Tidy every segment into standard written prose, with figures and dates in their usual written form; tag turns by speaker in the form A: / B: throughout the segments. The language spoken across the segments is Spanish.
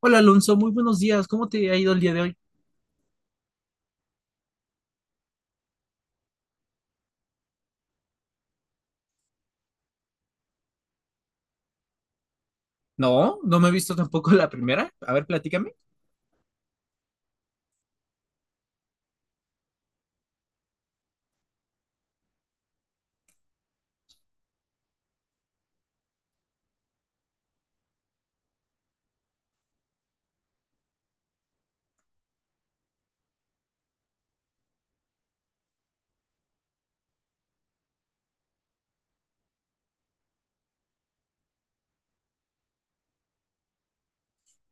A: Hola Alonso, muy buenos días. ¿Cómo te ha ido el día de hoy? No, no me he visto tampoco la primera. A ver, platícame.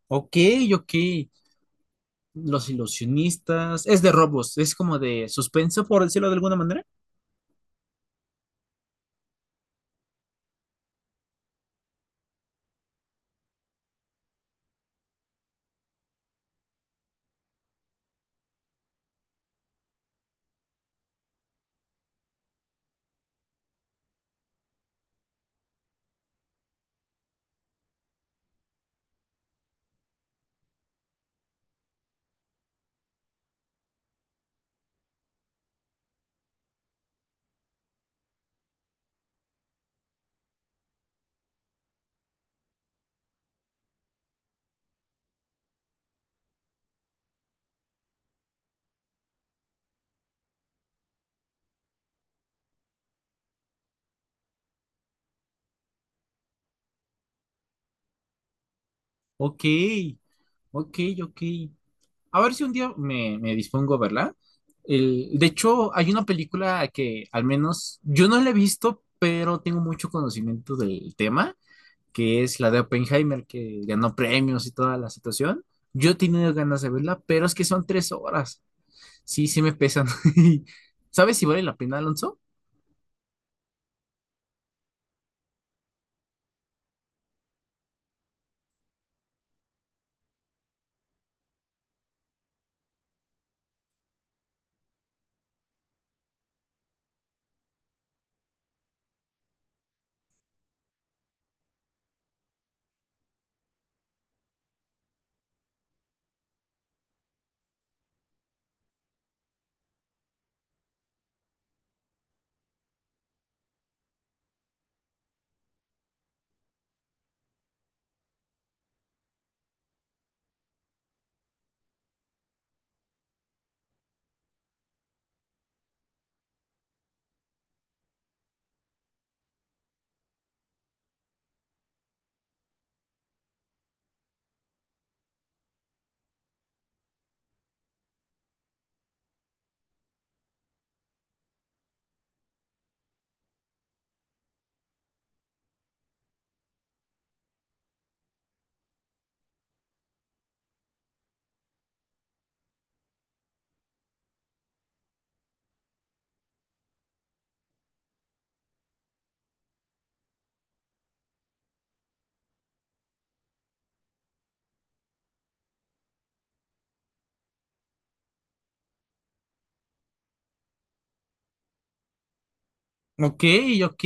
A: Ok, ok. Los ilusionistas. Es de robos, es como de suspenso, por decirlo de alguna manera. Ok, ok, ok. A ver si un día me dispongo a verla. El, de hecho, hay una película que al menos yo no la he visto, pero tengo mucho conocimiento del tema que es la de Oppenheimer, que ganó premios y toda la situación. Yo he tenido ganas de verla, pero es que son tres horas. Sí, sí me pesan. ¿Sabes si vale la pena, Alonso? Ok, ok.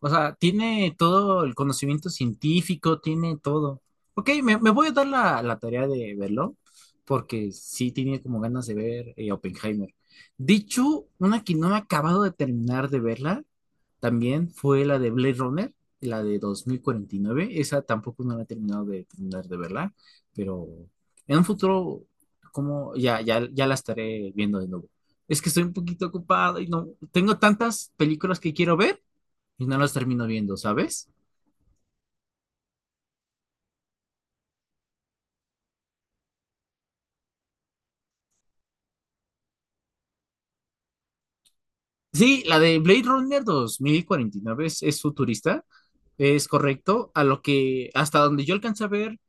A: O sea, tiene todo el conocimiento científico, tiene todo. Ok, me voy a dar la tarea de verlo, porque sí tenía como ganas de ver Oppenheimer. Dicho, una que no me he acabado de terminar de verla, también fue la de Blade Runner, la de 2049. Esa tampoco no la he terminado de terminar de verla, pero en un futuro, como ya la estaré viendo de nuevo. Es que estoy un poquito ocupado y no tengo tantas películas que quiero ver y no las termino viendo, ¿sabes? Sí, la de Blade Runner 2049 es futurista, es correcto. A lo que hasta donde yo alcancé a ver,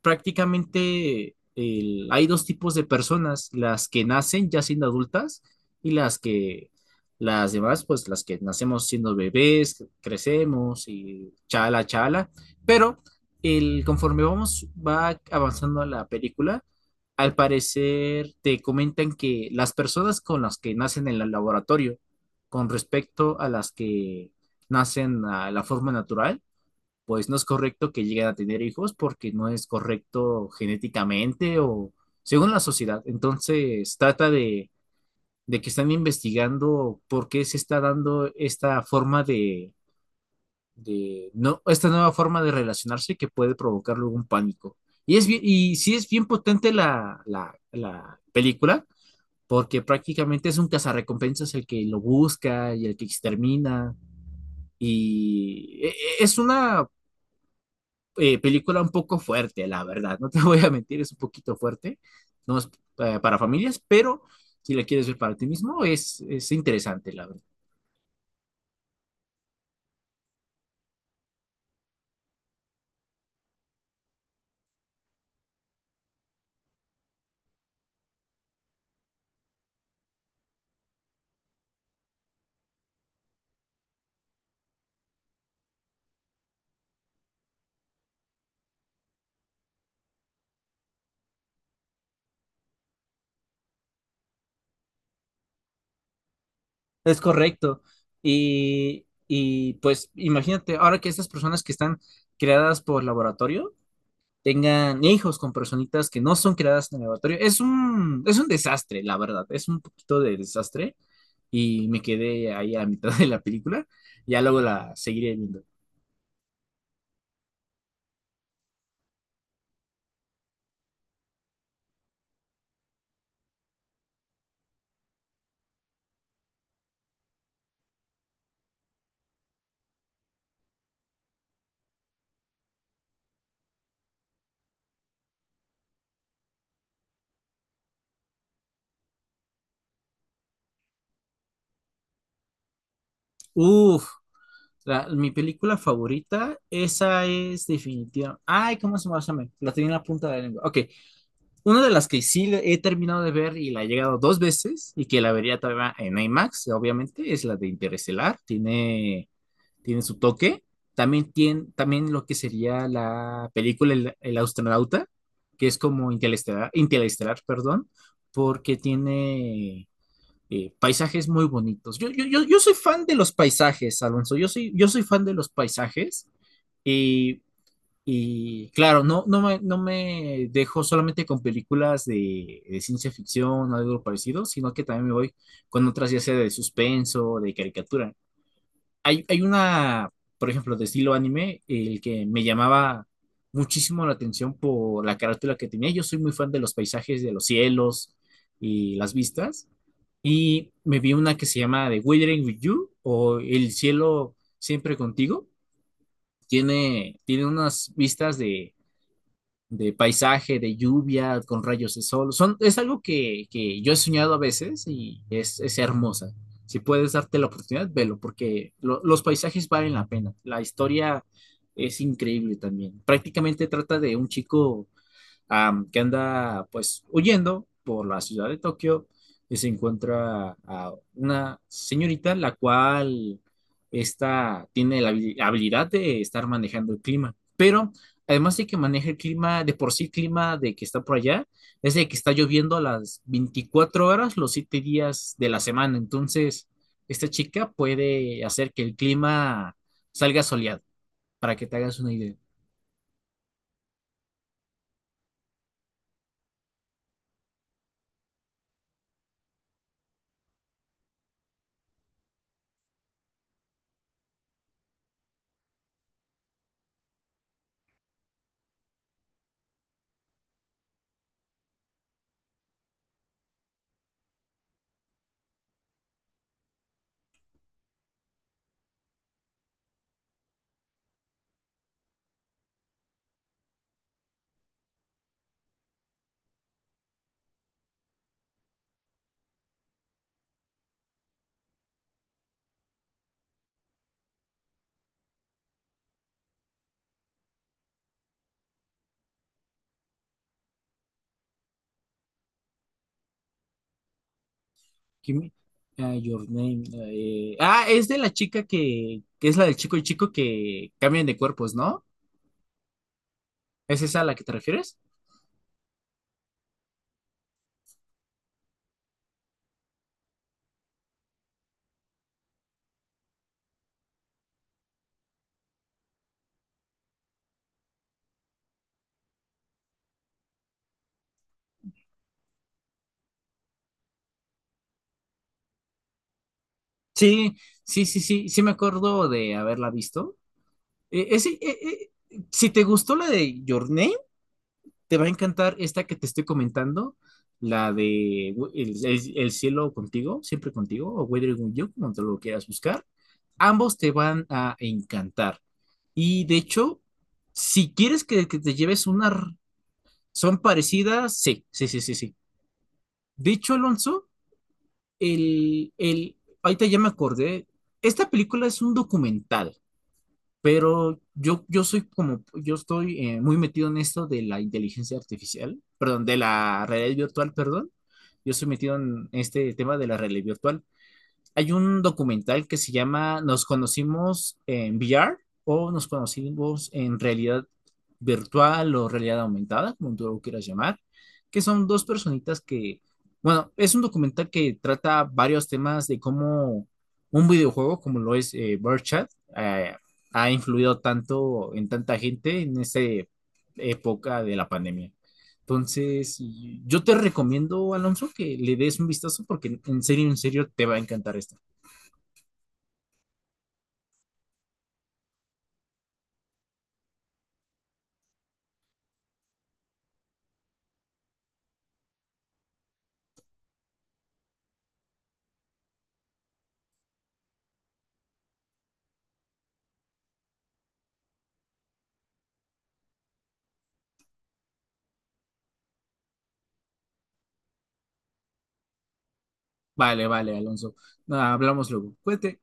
A: prácticamente hay dos tipos de personas, las que nacen ya siendo adultas y las demás, pues las que nacemos siendo bebés, crecemos y chala, chala, pero el, conforme vamos, va avanzando la película, al parecer te comentan que las personas con las que nacen en el laboratorio, con respecto a las que nacen a la forma natural, pues no es correcto que lleguen a tener hijos porque no es correcto genéticamente o según la sociedad. Entonces trata de que están investigando por qué se está dando esta forma de- no, esta nueva forma de relacionarse que puede provocar luego un pánico. Y es bien, y sí es bien potente la película, porque prácticamente es un cazarrecompensas el que lo busca y el que extermina. Y e- es una película un poco fuerte, la verdad. No te voy a mentir, es un poquito fuerte. No es para familias, pero si la quieres ver para ti mismo, es interesante, la verdad. Es correcto. Y pues imagínate, ahora que estas personas que están creadas por laboratorio tengan hijos con personitas que no son creadas en el laboratorio, es un desastre, la verdad. Es un poquito de desastre. Y me quedé ahí a mitad de la película. Ya luego la seguiré viendo. Uf, mi película favorita, esa es definitiva. Ay, ¿cómo se llama? La tenía en la punta de la lengua. Ok, una de las que he terminado de ver y la he llegado dos veces y que la vería todavía en IMAX, obviamente, es la de Interestelar. Tiene su toque. También tiene, también lo que sería la película El astronauta, que es como Interestelar, perdón, porque tiene paisajes muy bonitos. Yo soy fan de los paisajes, Alonso. Yo soy fan de los paisajes. Y, y claro, no me dejo solamente con películas de ciencia ficción o algo parecido, sino que también me voy con otras, ya sea de suspenso, de caricatura. Hay una, por ejemplo, de estilo anime, el que me llamaba muchísimo la atención por la carátula que tenía. Yo soy muy fan de los paisajes, de los cielos y las vistas. Y me vi una que se llama The Weathering With You o El cielo siempre contigo. Tiene unas vistas de paisaje, de lluvia, con rayos de sol. Son, es algo que yo he soñado a veces y es hermosa. Si puedes darte la oportunidad, velo, porque los paisajes valen la pena. La historia es increíble también. Prácticamente trata de un chico que anda pues huyendo por la ciudad de Tokio y se encuentra a una señorita la cual esta tiene la habilidad de estar manejando el clima, pero además de que maneja el clima, de por sí clima de que está por allá, es de que está lloviendo las 24 horas, los 7 días de la semana, entonces esta chica puede hacer que el clima salga soleado, para que te hagas una idea. Kimi- Your Name. Es de la chica que es la del chico y chico que cambian de cuerpos, ¿no? ¿Es esa a la que te refieres? Sí, sí me acuerdo de haberla visto. Si te gustó la de Your Name, te va a encantar esta que te estoy comentando, la de el cielo contigo, siempre contigo, o Weathering with You, como te lo quieras buscar. Ambos te van a encantar. Y de hecho, si quieres que te lleves una. ¿Son parecidas? Sí. De hecho, Alonso, el, el, ahorita ya me acordé, esta película es un documental, pero yo soy como, yo estoy muy metido en esto de la inteligencia artificial, perdón, de la realidad virtual, perdón. Yo estoy metido en este tema de la realidad virtual. Hay un documental que se llama Nos conocimos en VR o nos conocimos en realidad virtual o realidad aumentada, como tú lo quieras llamar, que son dos personitas que, bueno, es un documental que trata varios temas de cómo un videojuego como lo es Bird Chat, eh, ha influido tanto en tanta gente en esta época de la pandemia. Entonces, yo te recomiendo, Alonso, que le des un vistazo porque en serio, te va a encantar esto. Vale, vale, Alonso. Nada, hablamos luego. Cuente.